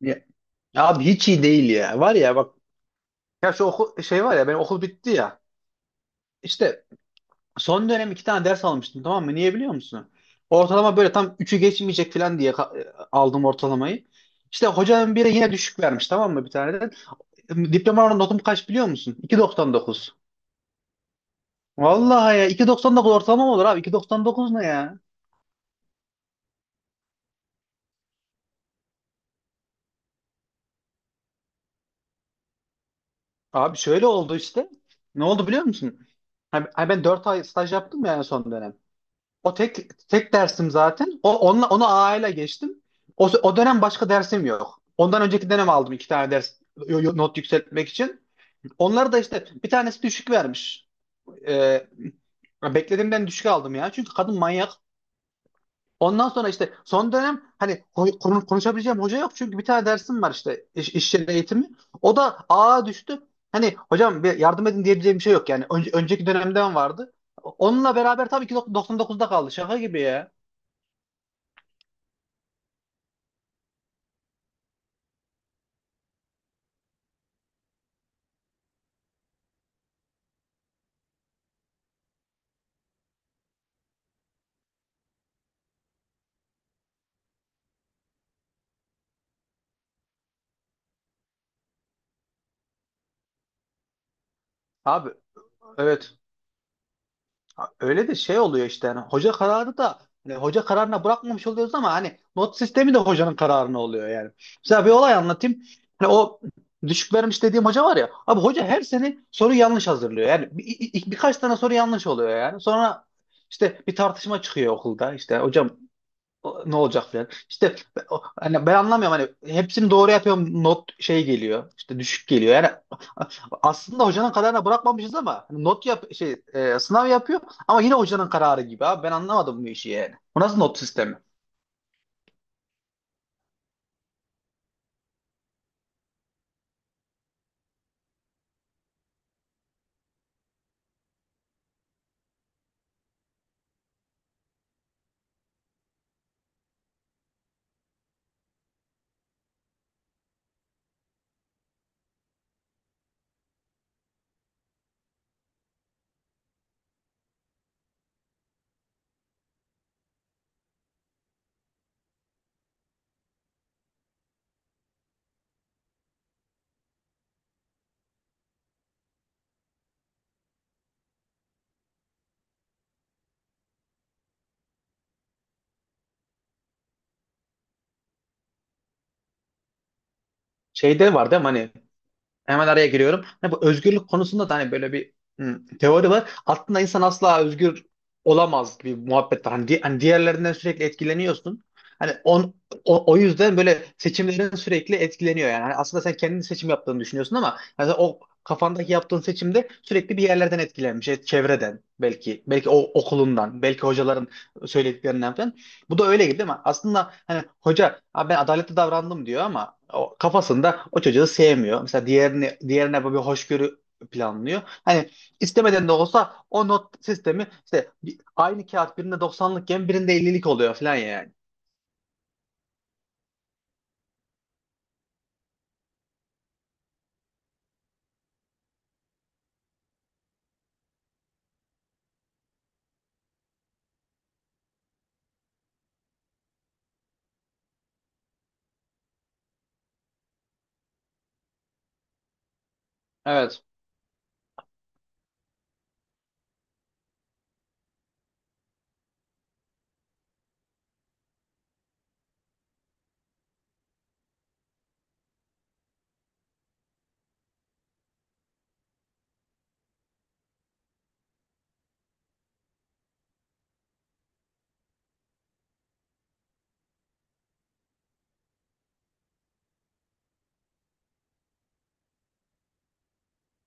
Ya, ya, abi hiç iyi değil ya. Var ya bak ya şu okul şey var ya benim okul bitti ya. İşte son dönem iki tane ders almıştım, tamam mı? Niye biliyor musun? Ortalama böyle tam üçü geçmeyecek falan diye aldım ortalamayı. İşte hocanın biri yine düşük vermiş, tamam mı, bir tane de. Diploma notum kaç biliyor musun? 2,99. Vallahi ya, 2,99 ortalama mı olur abi? 2,99 ne ya? Abi şöyle oldu işte. Ne oldu biliyor musun? Ha Ben 4 ay staj yaptım ya, en son dönem. O tek dersim zaten. O onunla onu A ile geçtim. O dönem başka dersim yok. Ondan önceki dönem aldım iki tane ders not yükseltmek için. Onları da işte, bir tanesi düşük vermiş. Ee, Beklediğimden düşük aldım ya. Çünkü kadın manyak. Ondan sonra işte son dönem hani konuşabileceğim hoca yok. Çünkü bir tane dersim var işte, iş yeri eğitimi. O da A'ya düştü. Hani hocam bir yardım edin diyebileceğim bir şey yok yani. Önceki dönemden vardı. Onunla beraber tabii ki 99'da kaldı. Şaka gibi ya. Abi. Evet. Ha, Öyle de şey oluyor işte, yani hoca kararı da hani hoca kararına bırakmamış oluyoruz ama hani not sistemi de hocanın kararına oluyor yani. Mesela bir olay anlatayım. Hani o düşük vermiş dediğim hoca var ya. Abi hoca her sene soru yanlış hazırlıyor. Yani birkaç tane soru yanlış oluyor yani. Sonra işte bir tartışma çıkıyor okulda. İşte hocam ne olacak falan. İşte hani ben anlamıyorum, hani hepsini doğru yapıyorum, not şey geliyor, işte düşük geliyor. Yani aslında hocanın kararına bırakmamışız ama hani not yap şey sınav yapıyor ama yine hocanın kararı gibi abi. Ben anlamadım bu işi yani. Bu nasıl not sistemi? Şeyde var değil mi, hani. Hemen araya giriyorum. Hani bu özgürlük konusunda da hani böyle bir teori var. Aslında insan asla özgür olamaz gibi bir muhabbet var. Hani diğerlerinden sürekli etkileniyorsun. Hani o yüzden böyle seçimlerin sürekli etkileniyor yani. Hani aslında sen kendi seçim yaptığını düşünüyorsun ama yani sen o kafandaki yaptığın seçimde sürekli bir yerlerden etkilenmiş. Çevreden belki, o okulundan, belki hocaların söylediklerinden falan. Bu da öyle gibi değil mi? Aslında hani hoca "Abi ben adaletli davrandım" diyor ama o kafasında o çocuğu sevmiyor. Mesela diğerini, diğerine böyle bir hoşgörü planlıyor. Hani istemeden de olsa o not sistemi işte aynı kağıt birinde 90'lıkken birinde 50'lik oluyor falan yani. Evet.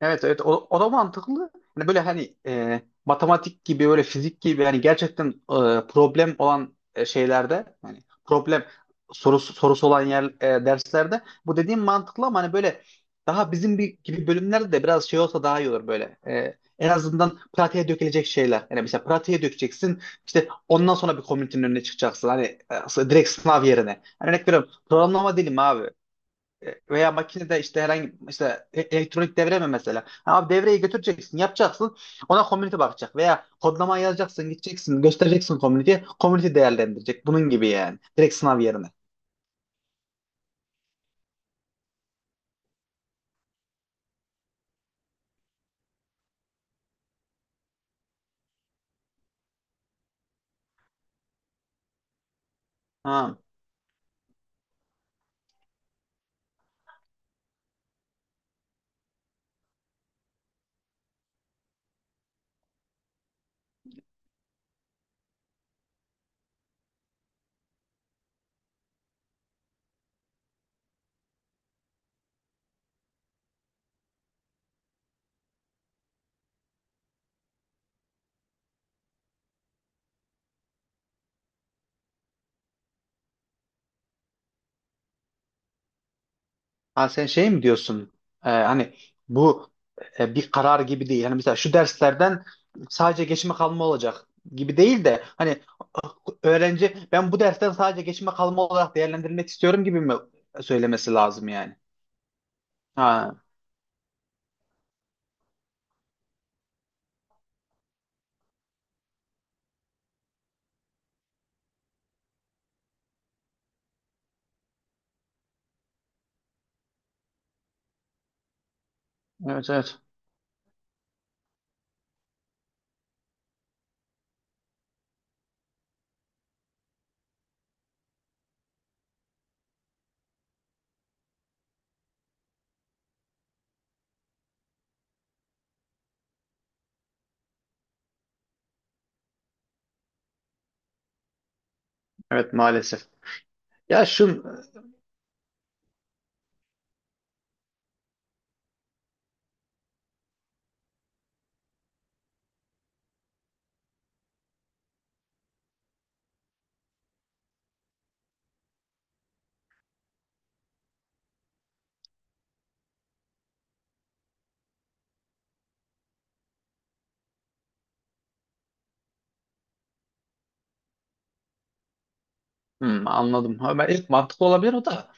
Evet evet, o da mantıklı. Hani böyle hani matematik gibi, böyle fizik gibi, yani gerçekten problem olan şeylerde hani problem sorusu olan yer derslerde bu dediğim mantıklı ama hani böyle daha bizim gibi bölümlerde de biraz şey olsa daha iyi olur böyle. E, en azından pratiğe dökülecek şeyler. Yani mesela pratiğe dökeceksin işte, ondan sonra bir komünitenin önüne çıkacaksın. Hani direkt sınav yerine. Yani örnek veriyorum, programlama dilim abi. Veya makinede işte herhangi işte elektronik devre mi mesela? Ha, Abi devreyi götüreceksin, yapacaksın. Ona community bakacak veya kodlama yazacaksın, gideceksin, göstereceksin community'ye. Community değerlendirecek. Bunun gibi yani. Direkt sınav yerine. Ha. Ha, Sen şey mi diyorsun? Hani bu bir karar gibi değil. Hani mesela şu derslerden sadece geçme kalma olacak gibi değil de hani öğrenci "ben bu dersten sadece geçme kalma olarak değerlendirmek istiyorum" gibi mi söylemesi lazım yani? Ha, evet evet. Evet, maalesef. Ya şu. Hmm, anladım. Ha, Ben ilk mantıklı olabilir o da.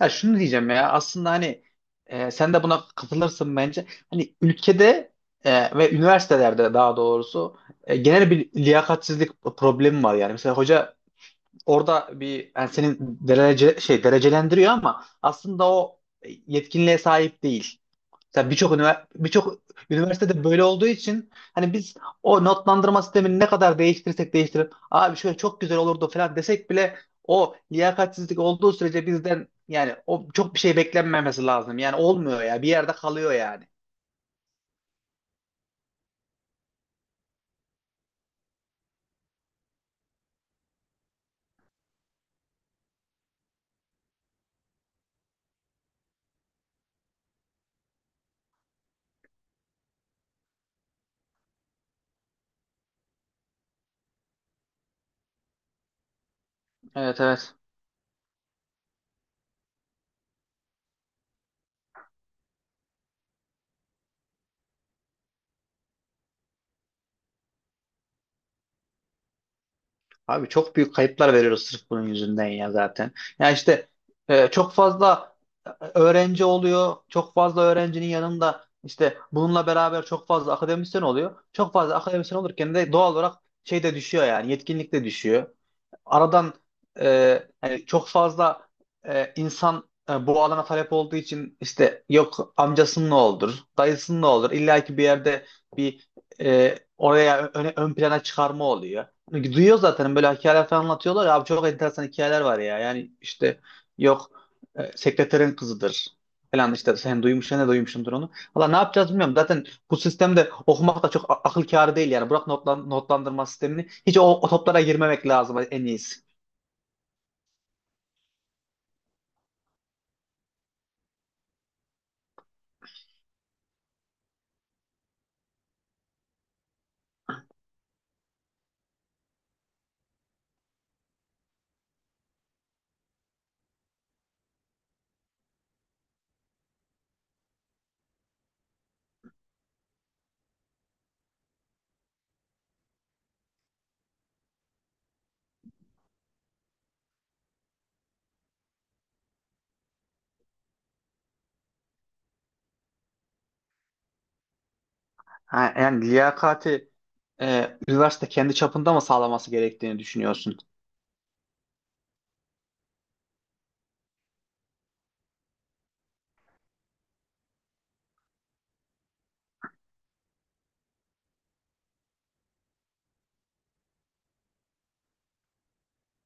Ya şunu diyeceğim, ya aslında hani sen de buna katılırsın bence. Hani ülkede ve üniversitelerde, daha doğrusu, genel bir liyakatsizlik problemi var yani. Mesela hoca orada bir yani senin derece şey derecelendiriyor ama aslında o yetkinliğe sahip değil. Birçok üniversitede böyle olduğu için hani biz o notlandırma sistemini ne kadar değiştirsek değiştirip abi şöyle çok güzel olurdu falan desek bile, o liyakatsizlik olduğu sürece bizden yani o çok bir şey beklenmemesi lazım. Yani olmuyor ya. Bir yerde kalıyor yani. Evet evet. Abi çok büyük kayıplar veriyoruz sırf bunun yüzünden ya, zaten. Ya işte çok fazla öğrenci oluyor. Çok fazla öğrencinin yanında işte bununla beraber çok fazla akademisyen oluyor. Çok fazla akademisyen olurken de doğal olarak şey de düşüyor, yani yetkinlik de düşüyor aradan. Hani çok fazla insan bu alana talep olduğu için işte yok amcasının ne olur, dayısının ne olur. İlla ki bir yerde bir oraya ön plana çıkarma oluyor. Çünkü duyuyor zaten, böyle hikayeler falan anlatıyorlar ya abi, çok enteresan hikayeler var ya. Yani işte yok sekreterin kızıdır falan, işte sen duymuşsun ne duymuşsundur onu. Valla ne yapacağız bilmiyorum. Zaten bu sistemde okumak da çok akıl kârı değil yani. Bırak notlandırma sistemini. Hiç o toplara girmemek lazım en iyisi. Ha, Yani liyakati üniversite kendi çapında mı sağlaması gerektiğini düşünüyorsun?